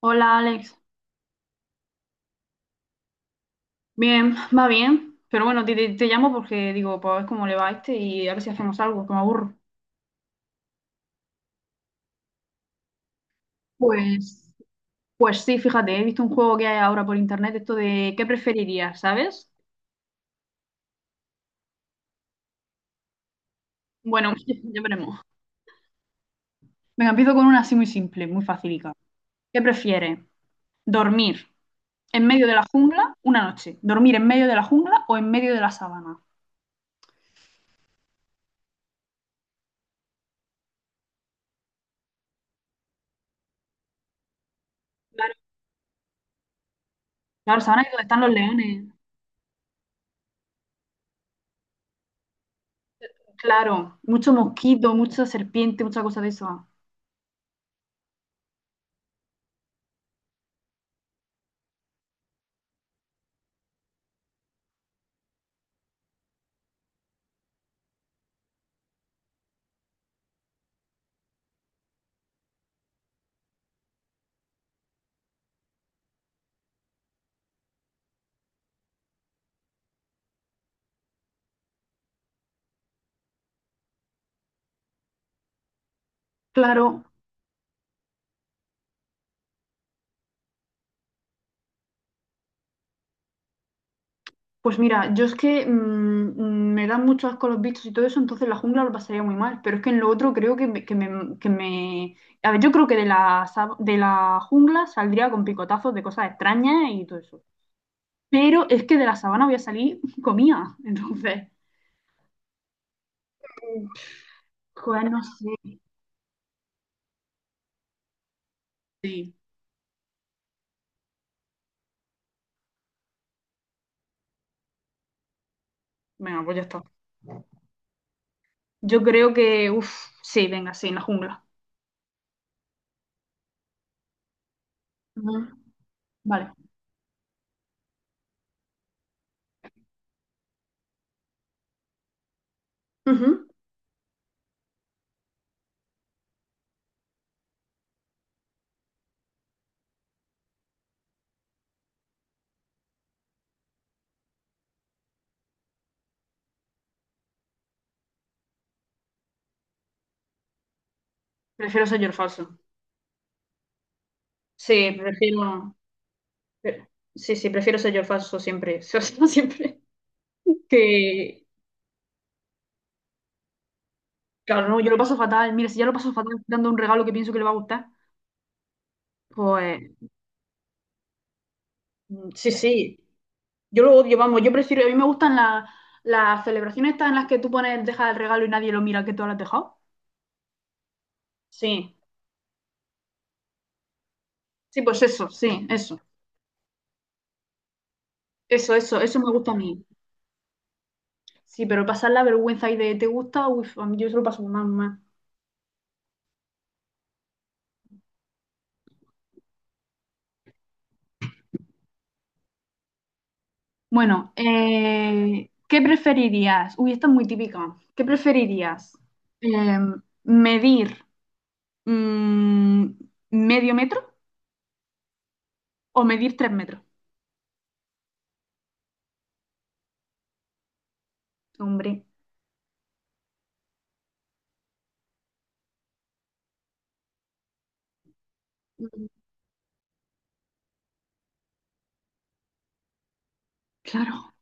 Hola Alex, bien, va bien, pero bueno, te llamo porque digo, pues a ver cómo le va a este y a ver si hacemos algo, que me aburro. Pues, pues sí, fíjate, he visto un juego que hay ahora por internet, esto de qué preferirías, ¿sabes? Bueno, ya veremos. Venga, empiezo con una así muy simple, muy facilica. ¿Qué prefieres? ¿Dormir en medio de la jungla una noche? ¿Dormir en medio de la jungla o en medio de la sabana? Claro, claro, sabana es donde están los leones. Claro, mucho mosquito, mucha serpiente, mucha cosa de eso. Claro. Pues mira, yo es que me dan mucho asco los bichos y todo eso, entonces la jungla lo pasaría muy mal. Pero es que en lo otro creo que me, que me- A ver, yo creo que de la jungla saldría con picotazos de cosas extrañas y todo eso. Pero es que de la sabana voy a salir comida. Entonces, joder, no sé. Sí, venga, pues ya está. Yo creo que, uff, sí, venga, sí, en la jungla. Ujú. Vale. Ujú. Prefiero ser falso. Sí, prefiero. Pero- sí, sí, prefiero ser yo el falso siempre, ser yo siempre. Que, claro, no, yo lo paso fatal. Mira, si ya lo paso fatal dando un regalo que pienso que le va a gustar, pues sí, sí. Yo lo odio, vamos, yo prefiero, a mí me gustan las celebraciones estas en las que tú pones, dejas el regalo y nadie lo mira que tú lo has dejado. Sí, sí, pues eso, sí, eso me gusta a mí. Sí, pero pasar la vergüenza y de te gusta, uff, a mí yo se lo paso mal, mal. Bueno, ¿qué preferirías? Uy, esto es muy típico. ¿Qué preferirías? Eh, ¿Medir mm, medio metro o medir 3 metros? Hombre. Mm. Claro,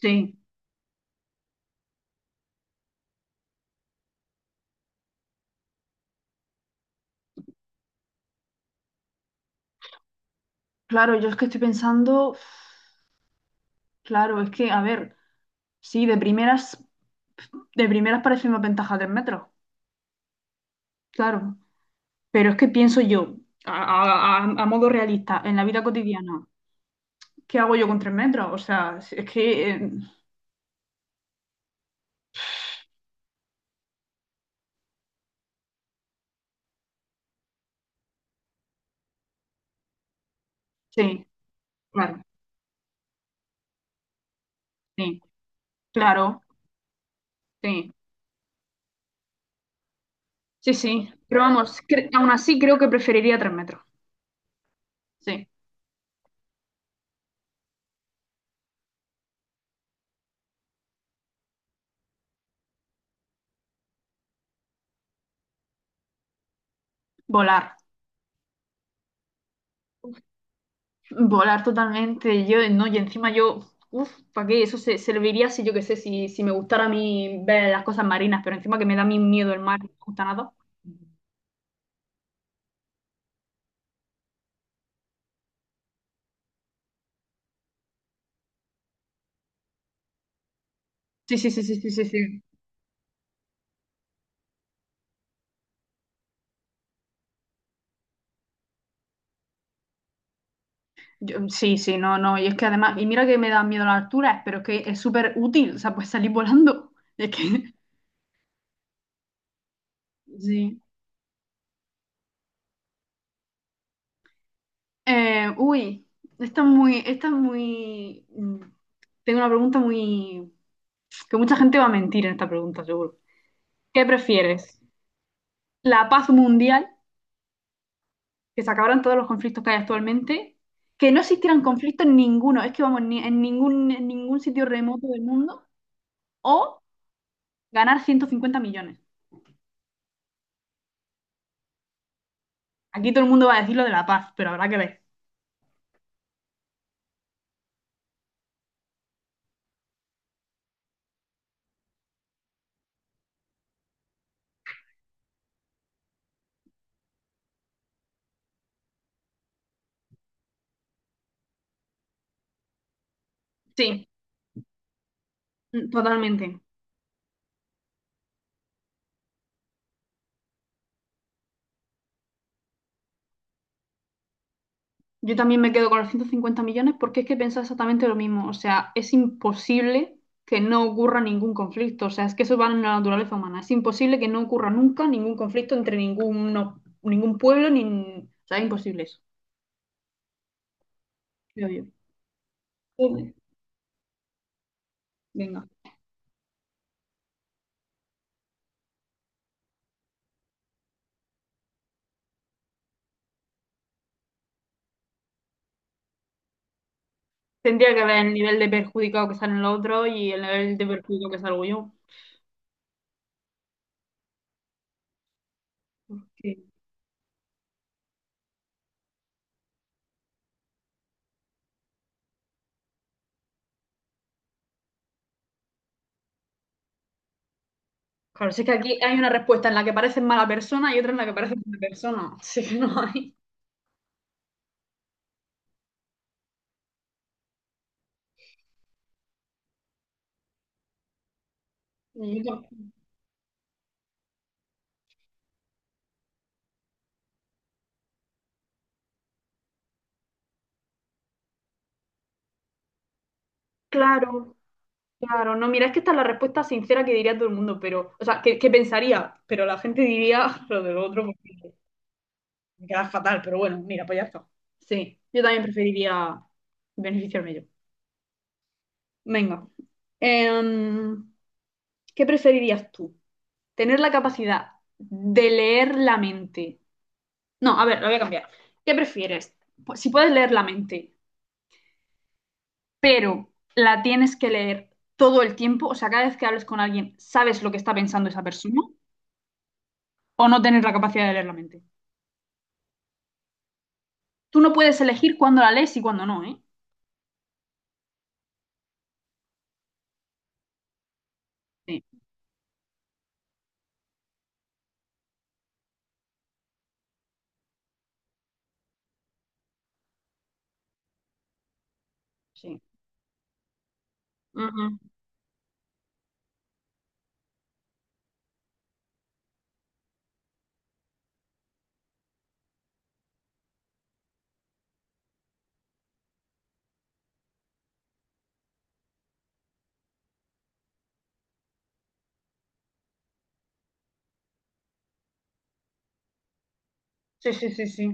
sí. Claro, yo es que estoy pensando, uf, claro, es que, a ver, sí, de primeras parece una ventaja 3 metros, claro. Pero es que pienso yo, a modo realista, en la vida cotidiana, ¿qué hago yo con 3 metros? O sea, es que sí, claro, sí, claro, sí, sí, sí. Pero vamos, aún así creo que preferiría 3 metros. Sí, volar, volar totalmente. Yo, no, y encima yo, uff, ¿para qué? Eso se serviría si yo qué sé, si me gustara a mí ver las cosas marinas, pero encima que me da mi miedo el mar, no me gusta nada. Sí, sí, sí, sí, sí, sí, sí. Sí, sí, no, no. Y es que además, y mira que me dan miedo las alturas, pero es que es súper útil, o sea, pues salir volando. Es que sí. Uy, esta es muy, esta es muy. Tengo una pregunta muy. Que mucha gente va a mentir en esta pregunta, seguro. ¿Qué prefieres? ¿La paz mundial, que se acabaran todos los conflictos que hay actualmente? ¿Que no existieran conflictos ninguno? Es que vamos, ni, en ningún sitio remoto del mundo. ¿O ganar 150 millones? Aquí todo el mundo va a decir lo de la paz, pero habrá que ver. Sí, totalmente. Yo también me quedo con los 150 millones porque es que he pensado exactamente lo mismo. O sea, es imposible que no ocurra ningún conflicto. O sea, es que eso va en la naturaleza humana. Es imposible que no ocurra nunca ningún conflicto entre ninguno, ningún pueblo, ni... O sea, es imposible eso, creo yo. Sí. Venga. Tendría que ver el nivel de perjudicado que salen los otros y el nivel de perjudicado que salgo yo. Porque, claro, si es que aquí hay una respuesta en la que pareces mala persona y otra en la que pareces buena persona. Así que no hay. Y yo- Claro. Claro, no, mira, es que esta es la respuesta sincera que diría todo el mundo, pero, o sea, que pensaría, pero la gente diría lo del otro porque me queda fatal, pero bueno, mira, pues ya está. Sí, yo también preferiría beneficiarme yo. Venga. Em, ¿Qué preferirías tú? ¿Tener la capacidad de leer la mente? No, a ver, lo voy a cambiar. ¿Qué prefieres? Pues si puedes leer la mente, pero la tienes que leer todo el tiempo, o sea, cada vez que hables con alguien, sabes lo que está pensando esa persona. O no tener la capacidad de leer la mente. Tú no puedes elegir cuándo la lees y cuándo no, ¿eh? Sí, sí. Ujú. Sí, sí, sí, sí.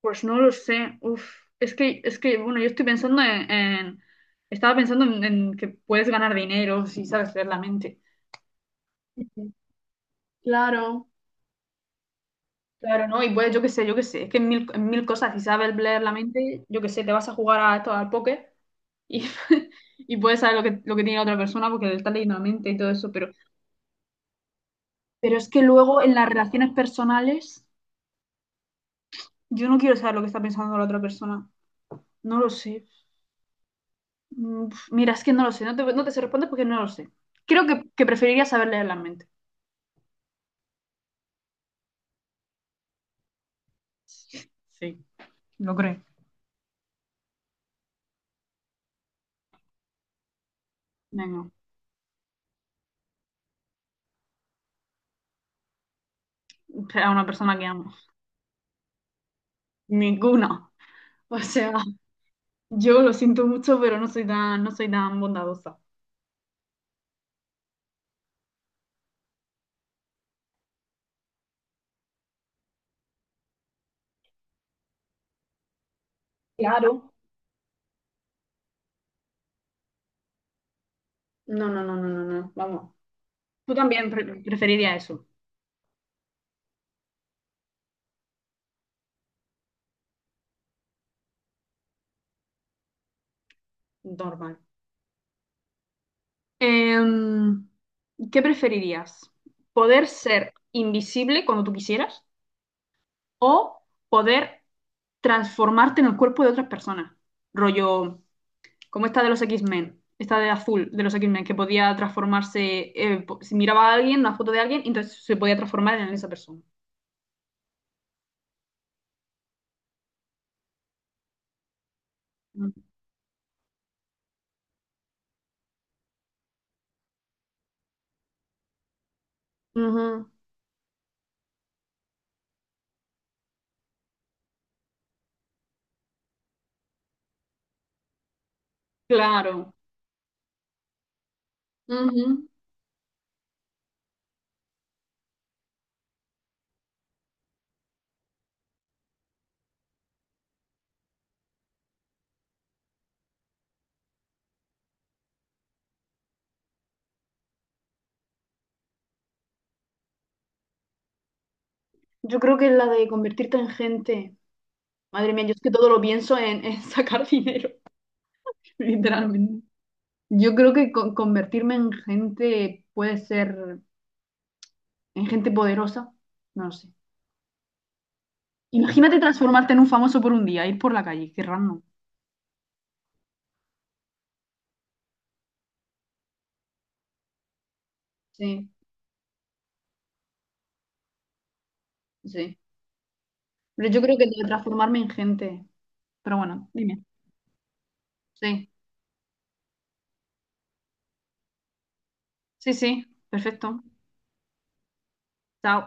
Pues no lo sé. Uf. Es que, bueno, yo estoy pensando estaba pensando en que puedes ganar dinero si sabes leer la mente. Claro. Claro, ¿no? Y puedes, yo qué sé, yo qué sé. Es que en mil cosas, si sabes leer la mente, yo qué sé, te vas a jugar a esto, al póker y, y puedes saber lo que tiene la otra persona porque le estás leyendo la mente y todo eso. Pero es que luego en las relaciones personales. Yo no quiero saber lo que está pensando la otra persona. No lo sé. Mira, es que no lo sé. No te sé responder porque no lo sé. Creo que preferiría saber leer la mente. Sí, lo creo. Venga, a una persona que amo. Ninguna. O sea, yo lo siento mucho, pero no soy tan bondadosa. Claro. No, no, no, no, no, no. Vamos. Tú también preferirías eso. Normal. Em, ¿Qué preferirías? ¿Poder ser invisible cuando tú quisieras o poder transformarte en el cuerpo de otra persona? Rollo, como esta de los X-Men, esta de azul de los X-Men, que podía transformarse, si miraba a alguien, una foto de alguien, entonces se podía transformar en esa persona. Mm. Ujú. Claro. Ujú. Yo creo que es la de convertirte en gente. Madre mía, yo es que todo lo pienso en sacar dinero, literalmente. Yo creo que convertirme en gente puede ser, en gente poderosa, no lo sé. Imagínate transformarte en un famoso por un día, ir por la calle, qué random. Sí, sí. Pero yo creo que debo transformarme en gente. Pero bueno, dime. Sí, sí, sí. Perfecto. Chao.